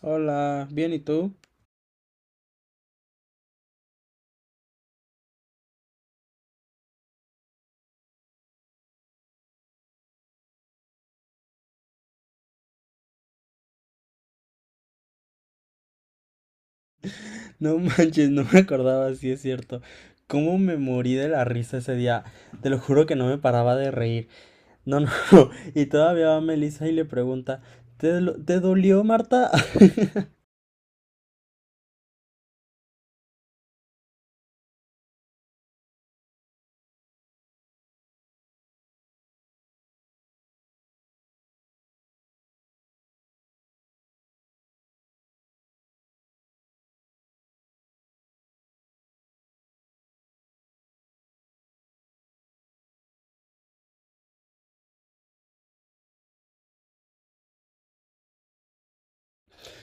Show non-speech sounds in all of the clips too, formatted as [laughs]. Hola, bien, ¿y tú? No manches, no me acordaba, sí es cierto. ¿Cómo me morí de la risa ese día? Te lo juro que no me paraba de reír. No, no, [laughs] y todavía va Melissa y le pregunta, ¿ te dolió, Marta? [laughs]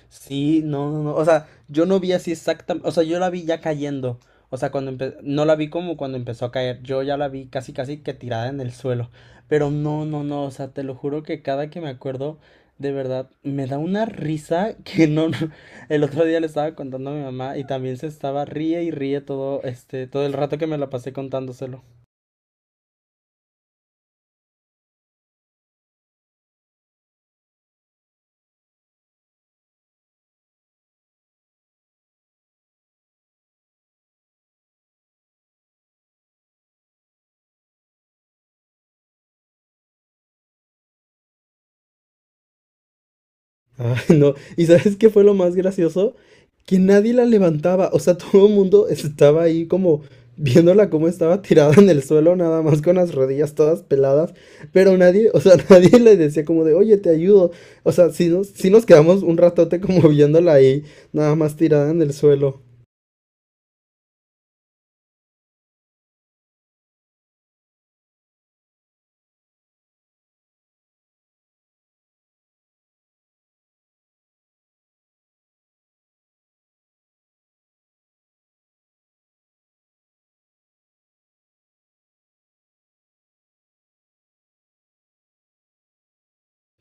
Sí, no, no, no. O sea, yo no vi así exactamente. O sea, yo la vi ya cayendo. O sea, no la vi como cuando empezó a caer. Yo ya la vi casi, casi que tirada en el suelo. Pero no, no, no. O sea, te lo juro que cada que me acuerdo, de verdad, me da una risa [laughs] que no. no- El otro día le estaba contando a mi mamá y también se estaba ríe y ríe todo, todo el rato que me la pasé contándoselo. Ay, [laughs] no. ¿Y sabes qué fue lo más gracioso? Que nadie la levantaba. O sea, [laughs] todo el mundo estaba ahí como viéndola como estaba tirada en el suelo, nada más con las rodillas todas peladas. Pero nadie, o sea, [laughs] nadie le decía como de, oye, te ayudo. O sea, si nos, sí nos quedamos un ratote como viéndola ahí, nada más tirada en el suelo.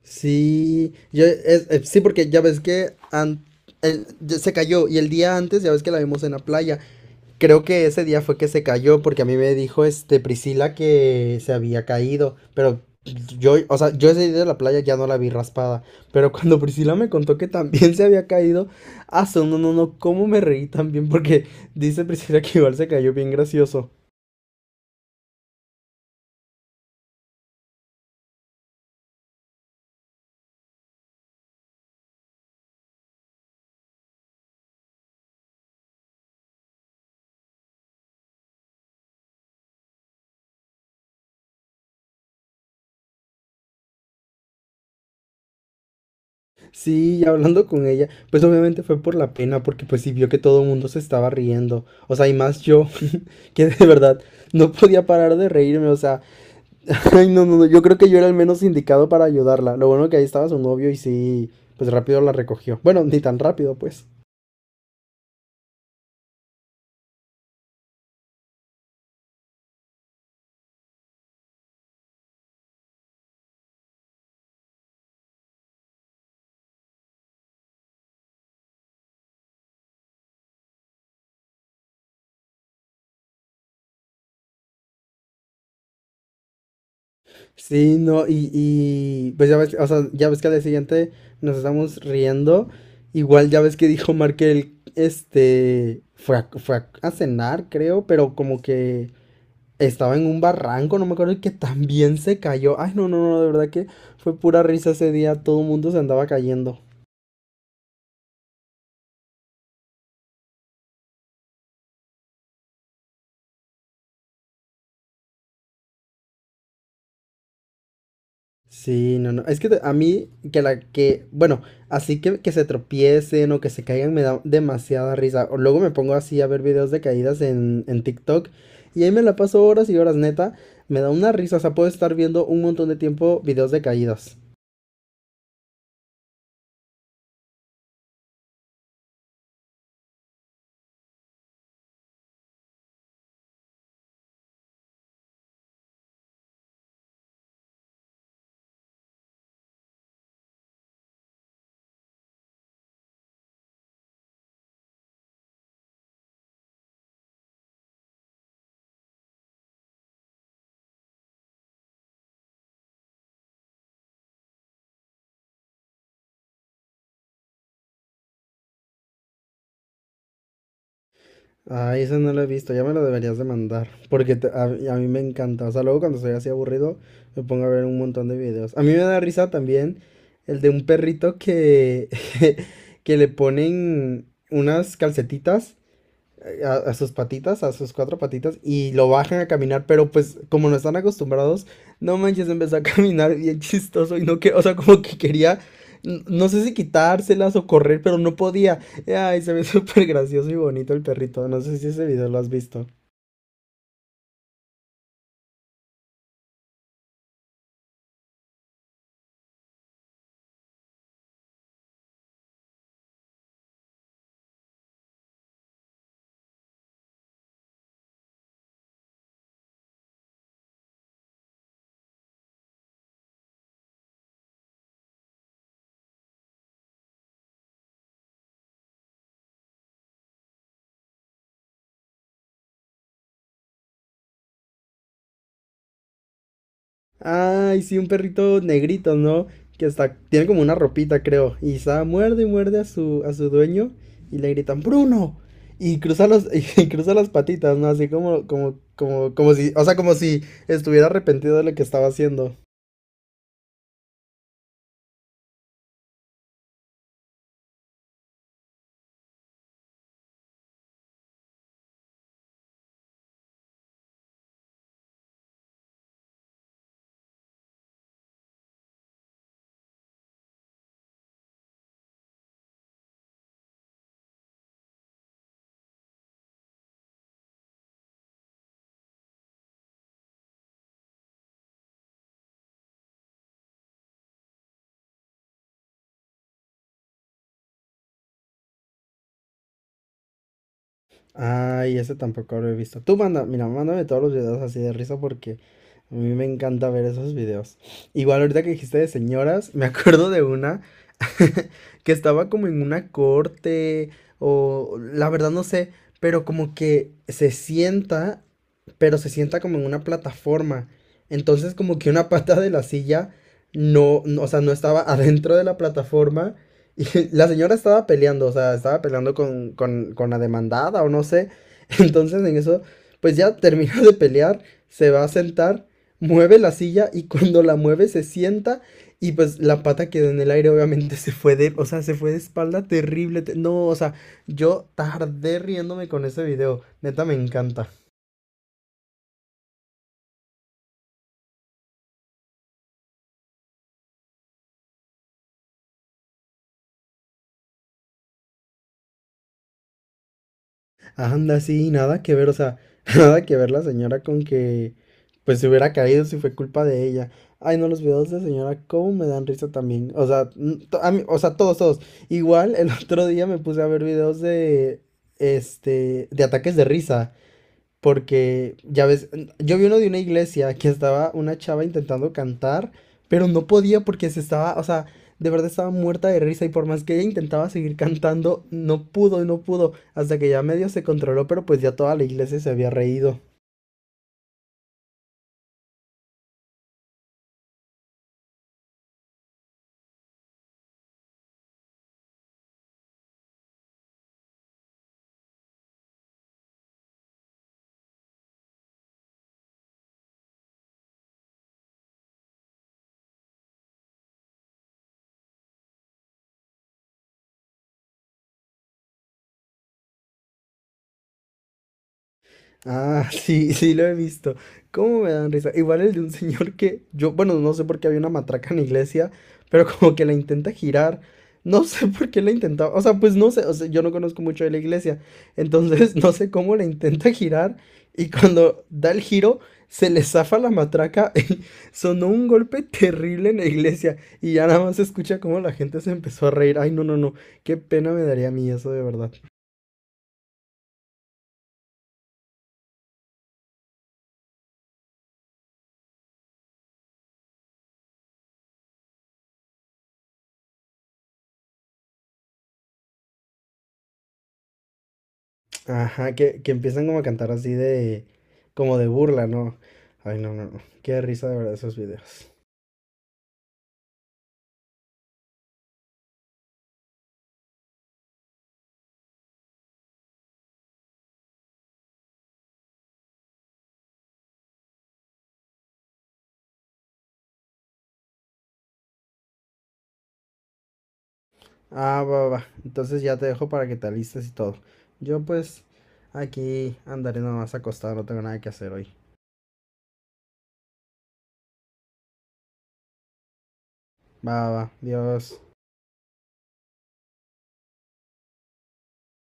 Sí, yo, sí, porque ya ves que an- el- ya se cayó y el día antes ya ves que la vimos en la playa. Creo que ese día fue que se cayó porque a mí me dijo este Priscila que se había caído, pero yo, o sea, yo ese día de la playa ya no la vi raspada, pero [laughs] cuando Priscila me contó que también se había caído, no, no, no, cómo me reí también porque dice Priscila que igual se cayó bien gracioso. Sí, y hablando con ella, pues obviamente fue por la pena, porque pues sí vio que todo el mundo se estaba riendo, o sea, y más yo, [laughs] que de verdad no podía parar de reírme, o sea, [laughs] ay, no, no, no, yo creo que yo era el menos indicado para ayudarla, lo bueno que ahí estaba su novio y sí, pues rápido la recogió, bueno, ni tan rápido, pues, sí, no, pues ya ves, o sea, ya ves que al día siguiente nos estamos riendo, igual ya ves que dijo Markel, fue a cenar, creo, pero como que... Estaba en un barranco, no me acuerdo, y que también se cayó. Ay, no, no, no, de verdad que fue pura risa ese día, todo el mundo se andaba cayendo. Sí, no, no. Es que a mí, bueno, así que se tropiecen o que se caigan me da demasiada risa. O luego me pongo así a ver videos de caídas en TikTok y ahí me la paso horas y horas, neta. Me da una risa, o sea, puedo estar viendo un montón de tiempo videos de caídas. Ah, esa no la he visto, ya me lo deberías de mandar, porque a mí me encanta, o sea, luego cuando estoy así aburrido me pongo a ver un montón de videos. A mí me da risa también el de un perrito que, [laughs] que le ponen unas calcetitas a sus patitas, a sus cuatro patitas, y lo bajan a caminar, pero pues como no están acostumbrados, no manches, empezó a [laughs] caminar bien chistoso y no que, o sea, como que quería, no sé si quitárselas o correr, pero no podía. Ay, se ve [laughs] súper gracioso y bonito el perrito, no sé si ese video lo has visto. Ay, sí, un perrito negrito, ¿no? Que hasta tiene como una ropita, creo. Y está, muerde y muerde a a su dueño y le gritan, ¡Bruno! Y cruza [laughs] y cruza las patitas, ¿no? Así como, como, como, como si, o sea, como si estuviera arrepentido de lo que estaba haciendo. Ay, ese tampoco lo he visto. Tú manda, mira, mándame todos los videos así de risa porque a mí me encanta ver esos videos. Igual ahorita que dijiste de señoras, me [laughs] acuerdo de una [laughs] que estaba como en una corte o la verdad no sé, pero como que se sienta, pero se sienta como en una plataforma. Entonces como que una pata de la silla no, no, o sea, no estaba adentro de la plataforma y la señora estaba peleando, o sea, estaba peleando con la demandada o no sé. [laughs] Entonces en eso, pues ya termina de pelear, se va a sentar, mueve la silla y cuando la mueve se sienta y pues la pata quedó en el aire, obviamente se fue de, o sea, se fue de espalda terrible. No, o sea, yo tardé riéndome con ese video, neta me encanta. Anda, sí, nada que ver, o sea, [laughs] nada que ver la señora con que pues se hubiera caído si fue culpa de ella. Ay, no, los videos de señora, cómo me dan risa también. O sea, o sea, todos, todos. Igual el [laughs] otro día me puse a ver videos de de ataques de risa. Porque, ya ves, yo vi uno de una iglesia que estaba una chava intentando cantar, pero no podía porque se estaba, o sea, de verdad estaba muerta de risa y por más que ella intentaba seguir cantando, no pudo, no pudo, hasta que ya medio se controló, pero pues ya toda la iglesia se había reído. Ah, sí, sí lo he visto. ¿Cómo me dan risa? Igual el de un señor que yo, bueno, no sé por qué había una matraca en la iglesia, pero como que la intenta girar. No sé [laughs] por qué la intentaba, o sea, pues no sé, o sea, yo no conozco mucho de la iglesia, entonces [laughs] no sé cómo la intenta girar y cuando da el giro se le zafa la matraca [laughs] y sonó un golpe terrible en la iglesia y ya nada más se escucha cómo la gente se empezó a reír. Ay, no, no, no, qué pena me daría a mí eso de verdad. Ajá, que empiezan como a cantar así de, como de burla, ¿no? Ay, no, no, no. Qué risa de verdad esos videos. Ah, va, va, va. Entonces ya te dejo para que te alistes y todo. Yo pues aquí andaré nomás acostado, no tengo nada que hacer hoy. Va, va, va. Adiós.